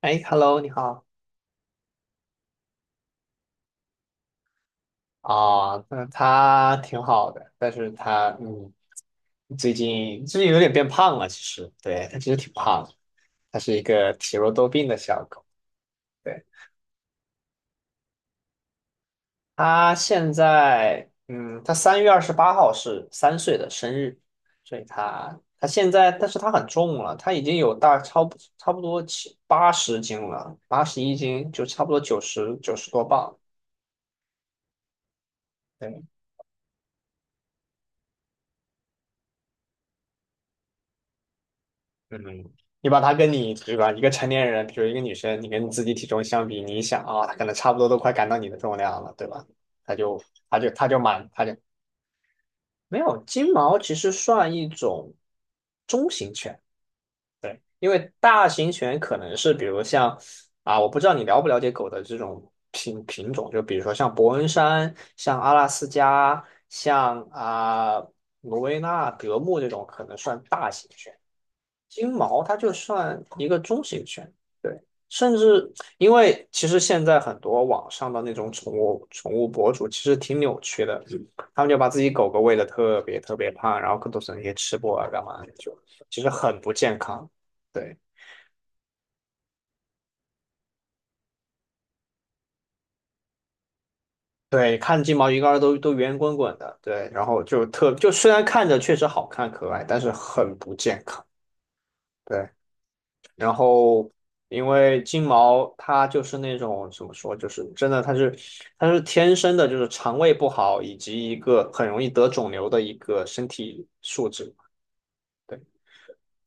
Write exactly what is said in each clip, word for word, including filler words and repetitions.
哎，Hello，你好啊，那他挺好的，但是他嗯，最近最近有点变胖了，其实，对，他其实挺胖的，他是一个体弱多病的小狗，对，他现在嗯，他三月二十八号是三岁的生日，所以他他现在，但是他很重了，他已经有大差不差不多七八十斤了，八十一斤就差不多九十九十多磅，对，嗯，你把它跟你对吧，一个成年人，比如一个女生，你跟你自己体重相比，你一想啊，她可能差不多都快赶到你的重量了，对吧？她就她就她就满，她就没有金毛，其实算一种中型犬，对，因为大型犬可能是比如像啊，我不知道你了不了解狗的这种品品种，就比如说像伯恩山、像阿拉斯加、像啊、罗威纳、德牧这种，可能算大型犬。金毛它就算一个中型犬，对，甚至因为其实现在很多网上的那种宠物宠物博主其实挺扭曲的，他们就把自己狗狗喂得特别特别胖，然后更多是那些吃播啊干嘛的，就其实很不健康。对对，看金毛一个个都都圆滚滚的，对，然后就特就虽然看着确实好看可爱，但是很不健康。对，然后因为金毛它就是那种怎么说，就是真的它是它是天生的，就是肠胃不好以及一个很容易得肿瘤的一个身体素质。对。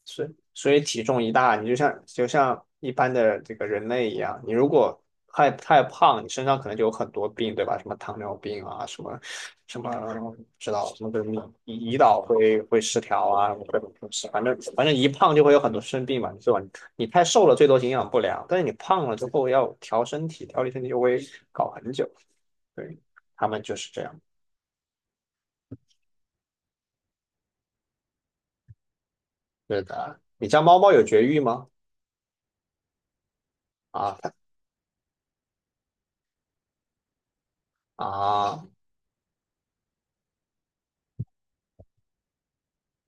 所以所以体重一大，你就像就像一般的这个人类一样，你如果太太胖，你身上可能就有很多病，对吧？什么糖尿病啊，什么什么不知道什么的胰胰岛会会失调啊，各种东西，反正反正一胖就会有很多生病嘛，最吧？你太瘦了，最多营养不良，但是你胖了之后要调身体，调理身体就会搞很久。对，他们就是这样。对的，你家猫猫有绝育吗？啊它啊，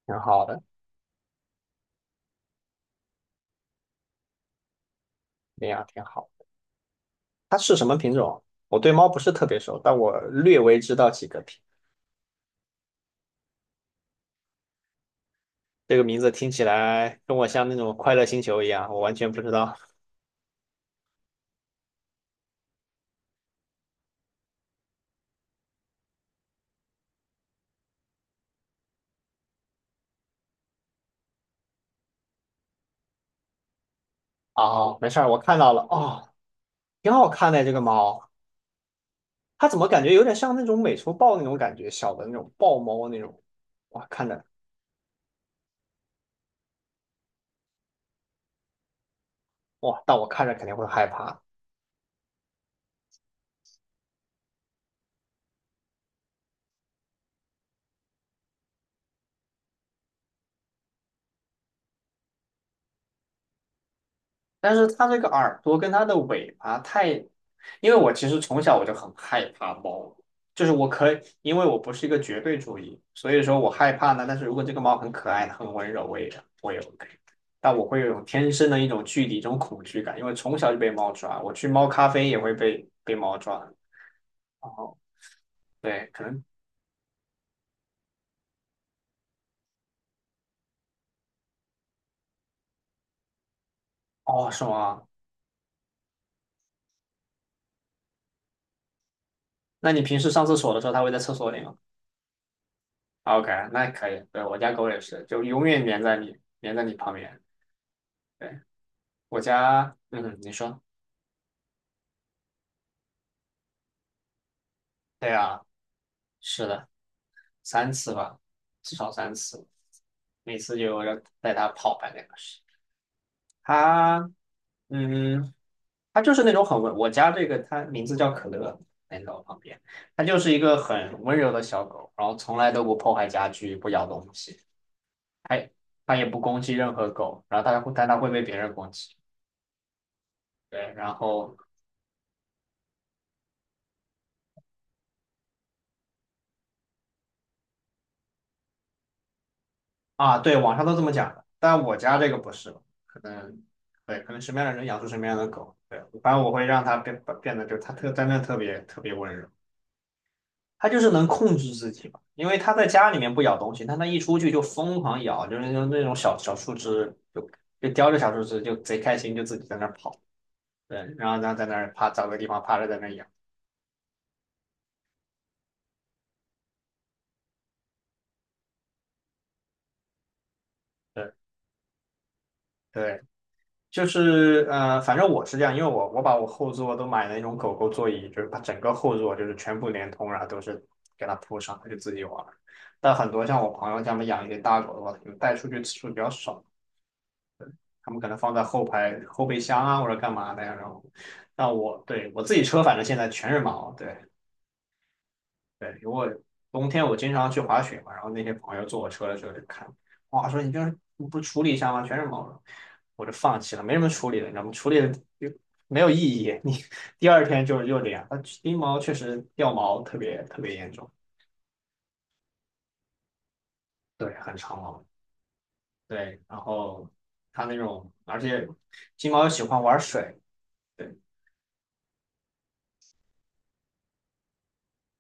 挺好的，那样挺好。它是什么品种？我对猫不是特别熟，但我略微知道几个品。这个名字听起来跟我像那种快乐星球一样，我完全不知道。哦，没事儿，我看到了，哦，挺好看的这个猫，它怎么感觉有点像那种美洲豹那种感觉，小的那种豹猫那种。哇，看着哇，但我看着肯定会害怕。但是它这个耳朵跟它的尾巴太，因为我其实从小我就很害怕猫，就是我可以，因为我不是一个绝对主义，所以说我害怕呢。但是如果这个猫很可爱、很温柔，我也我也 OK。但我会有一种天生的一种距离、一种恐惧感，因为从小就被猫抓，我去猫咖啡也会被被猫抓。哦，对，可能哦，是吗？那你平时上厕所的时候，它会在厕所里吗？OK，那可以。对，我家狗也是，就永远粘在你，粘在你旁边。对。我家，嗯，你说，对啊，是的，三次吧，至少三次，每次就要带它跑半两个小时。他，嗯，它就是那种很温，我家这个它名字叫可乐，来到我旁边，它就是一个很温柔的小狗，然后从来都不破坏家具，不咬东西，它它也不攻击任何狗，然后它会，但它会被别人攻击，对，然后啊，对，网上都这么讲的，但我家这个不是，可能对，可能什么样的人养出什么样的狗，对，反正我会让它变变得就它特真的特别特别温柔，它就是能控制自己嘛，因为它在家里面不咬东西，但它一出去就疯狂咬，就是那种那种小小树枝，就就叼着小树枝就贼开心，就自己在那儿跑，对，然后然后在那儿趴找个地方趴着在那儿咬，对对，就是呃，反正我是这样，因为我我把我后座都买那种狗狗座椅，就是把整个后座就是全部连通，然后都是给它铺上，它就自己玩儿但很多像我朋友他们养一些大狗的话，就带出去次数比较少，他们可能放在后排后备箱啊或者干嘛的呀。然后，那我对我自己车反正现在全是毛，对。对，如果冬天我经常去滑雪嘛，然后那些朋友坐我车的时候就看，哇，说你就是你不处理一下吗？全是毛绒我就放弃了，没什么处理的，你知道吗？处理的就没有意义，你 第二天就是又这样。它金毛确实掉毛特别特别严重，对，很长毛，对，然后它那种，而且金毛又喜欢玩水，对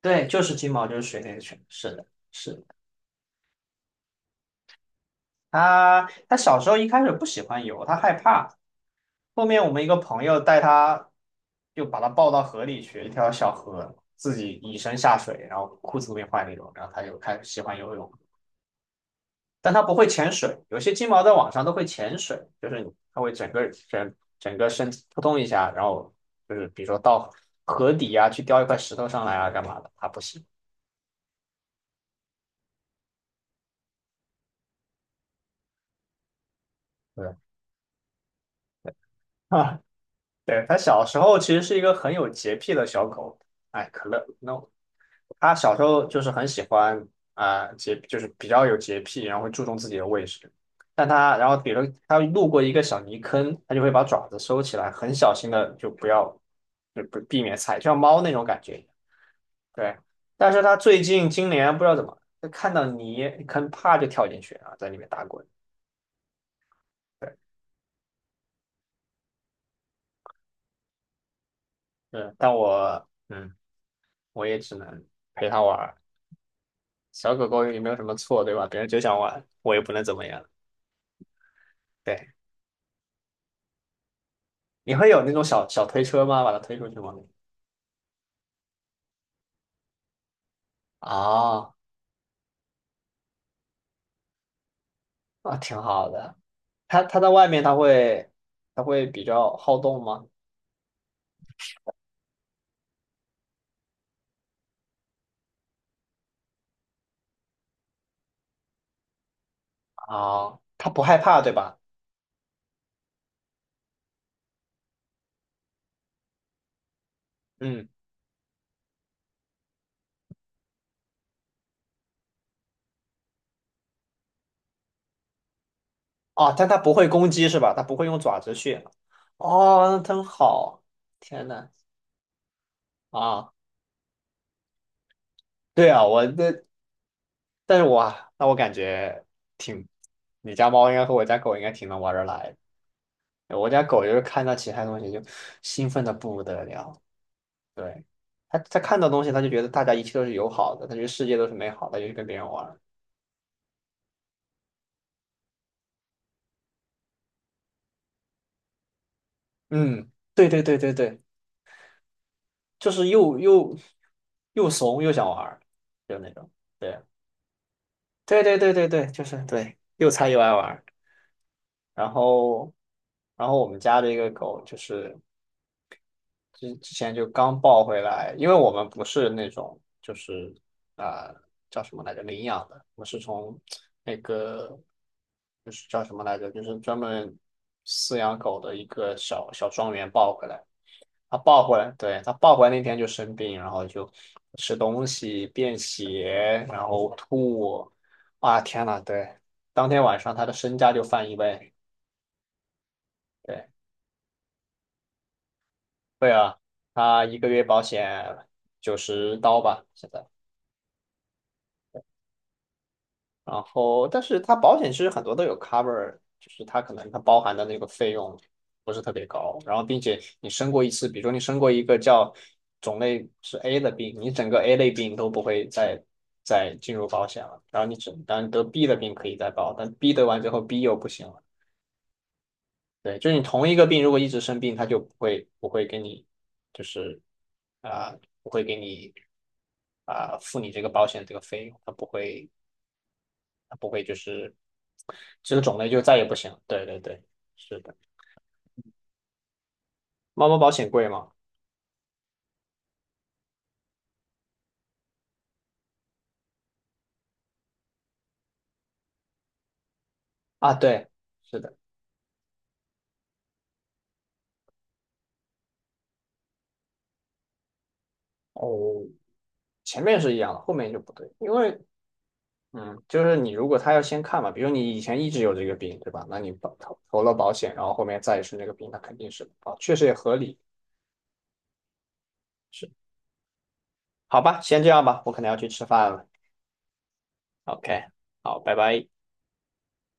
对，就是金毛就是水那个犬，是的，是的，它它小时候一开始不喜欢游，它害怕。后面我们一个朋友带他，就把他抱到河里去，一条小河，自己以身下水，然后裤子都没换那种，然后他就开始喜欢游泳，但他不会潜水，有些金毛在网上都会潜水，就是他会整个整整个身体扑通一下，然后就是比如说到河底啊去叼一块石头上来啊干嘛的，他不行，对啊，对，他小时候其实是一个很有洁癖的小狗，哎，可乐，no。他小时候就是很喜欢啊、洁，就是比较有洁癖，然后会注重自己的卫生。但他，然后比如他路过一个小泥坑，他就会把爪子收起来，很小心的就不要，就不避免踩，就像猫那种感觉一样对，但是他最近今年不知道怎么，就看到泥坑，啪就跳进去啊，在里面打滚。对，嗯，但我，嗯，我也只能陪他玩儿小狗狗也没有什么错，对吧？别人就想玩，我也不能怎么样。对。你会有那种小小推车吗？把它推出去吗？啊啊，挺好的。它它在外面，它会它会比较好动吗？啊，它不害怕对吧？嗯，哦，但它不会攻击是吧？它不会用爪子去。哦，那真好。天呐，啊，对啊，我这但是我啊那我感觉挺，你家猫应该和我家狗应该挺能玩得来的我家狗就是看到其他东西就兴奋的不得了。对，他他看到东西，他就觉得大家一切都是友好的，他觉得世界都是美好的，就去跟别人玩儿嗯，对对对对对，就是又又又怂又想玩儿就那种。对对对对对对，就是对，又菜又爱玩儿然后然后我们家的一个狗就是之之前就刚抱回来，因为我们不是那种就是啊、呃叫什么来着领养的，我们是从那个就是叫什么来着，就是专门饲养狗的一个小小庄园抱回来。它抱回来，对，它抱回来那天就生病，然后就吃东西便血，然后吐，啊天呐，对，当天晚上它的身价就翻一倍，对，对啊，它一个月保险九十刀吧，现在。然后，但是它保险其实很多都有 cover，就是它可能它包含的那个费用不是特别高，然后并且你生过一次，比如说你生过一个叫种类是 A 的病，你整个 A 类病都不会再再进入保险了，然后你只当然得 B 的病可以再报，但 B 得完之后 B 又不行了，对，就是你同一个病如果一直生病，它就不会不会给你就是啊、不会给你啊、付你这个保险这个费用，它不会。不会就是这个种类就再也不行。对对对，是的。猫猫保险贵吗？啊，对，是的。哦，前面是一样的，后面就不对，因为嗯，就是你如果他要先看嘛，比如你以前一直有这个病，对吧？那你保投投了保险，然后后面再是那个病，那肯定是啊，哦确实也合理。是，好吧，先这样吧，我可能要去吃饭了。OK，好，拜拜。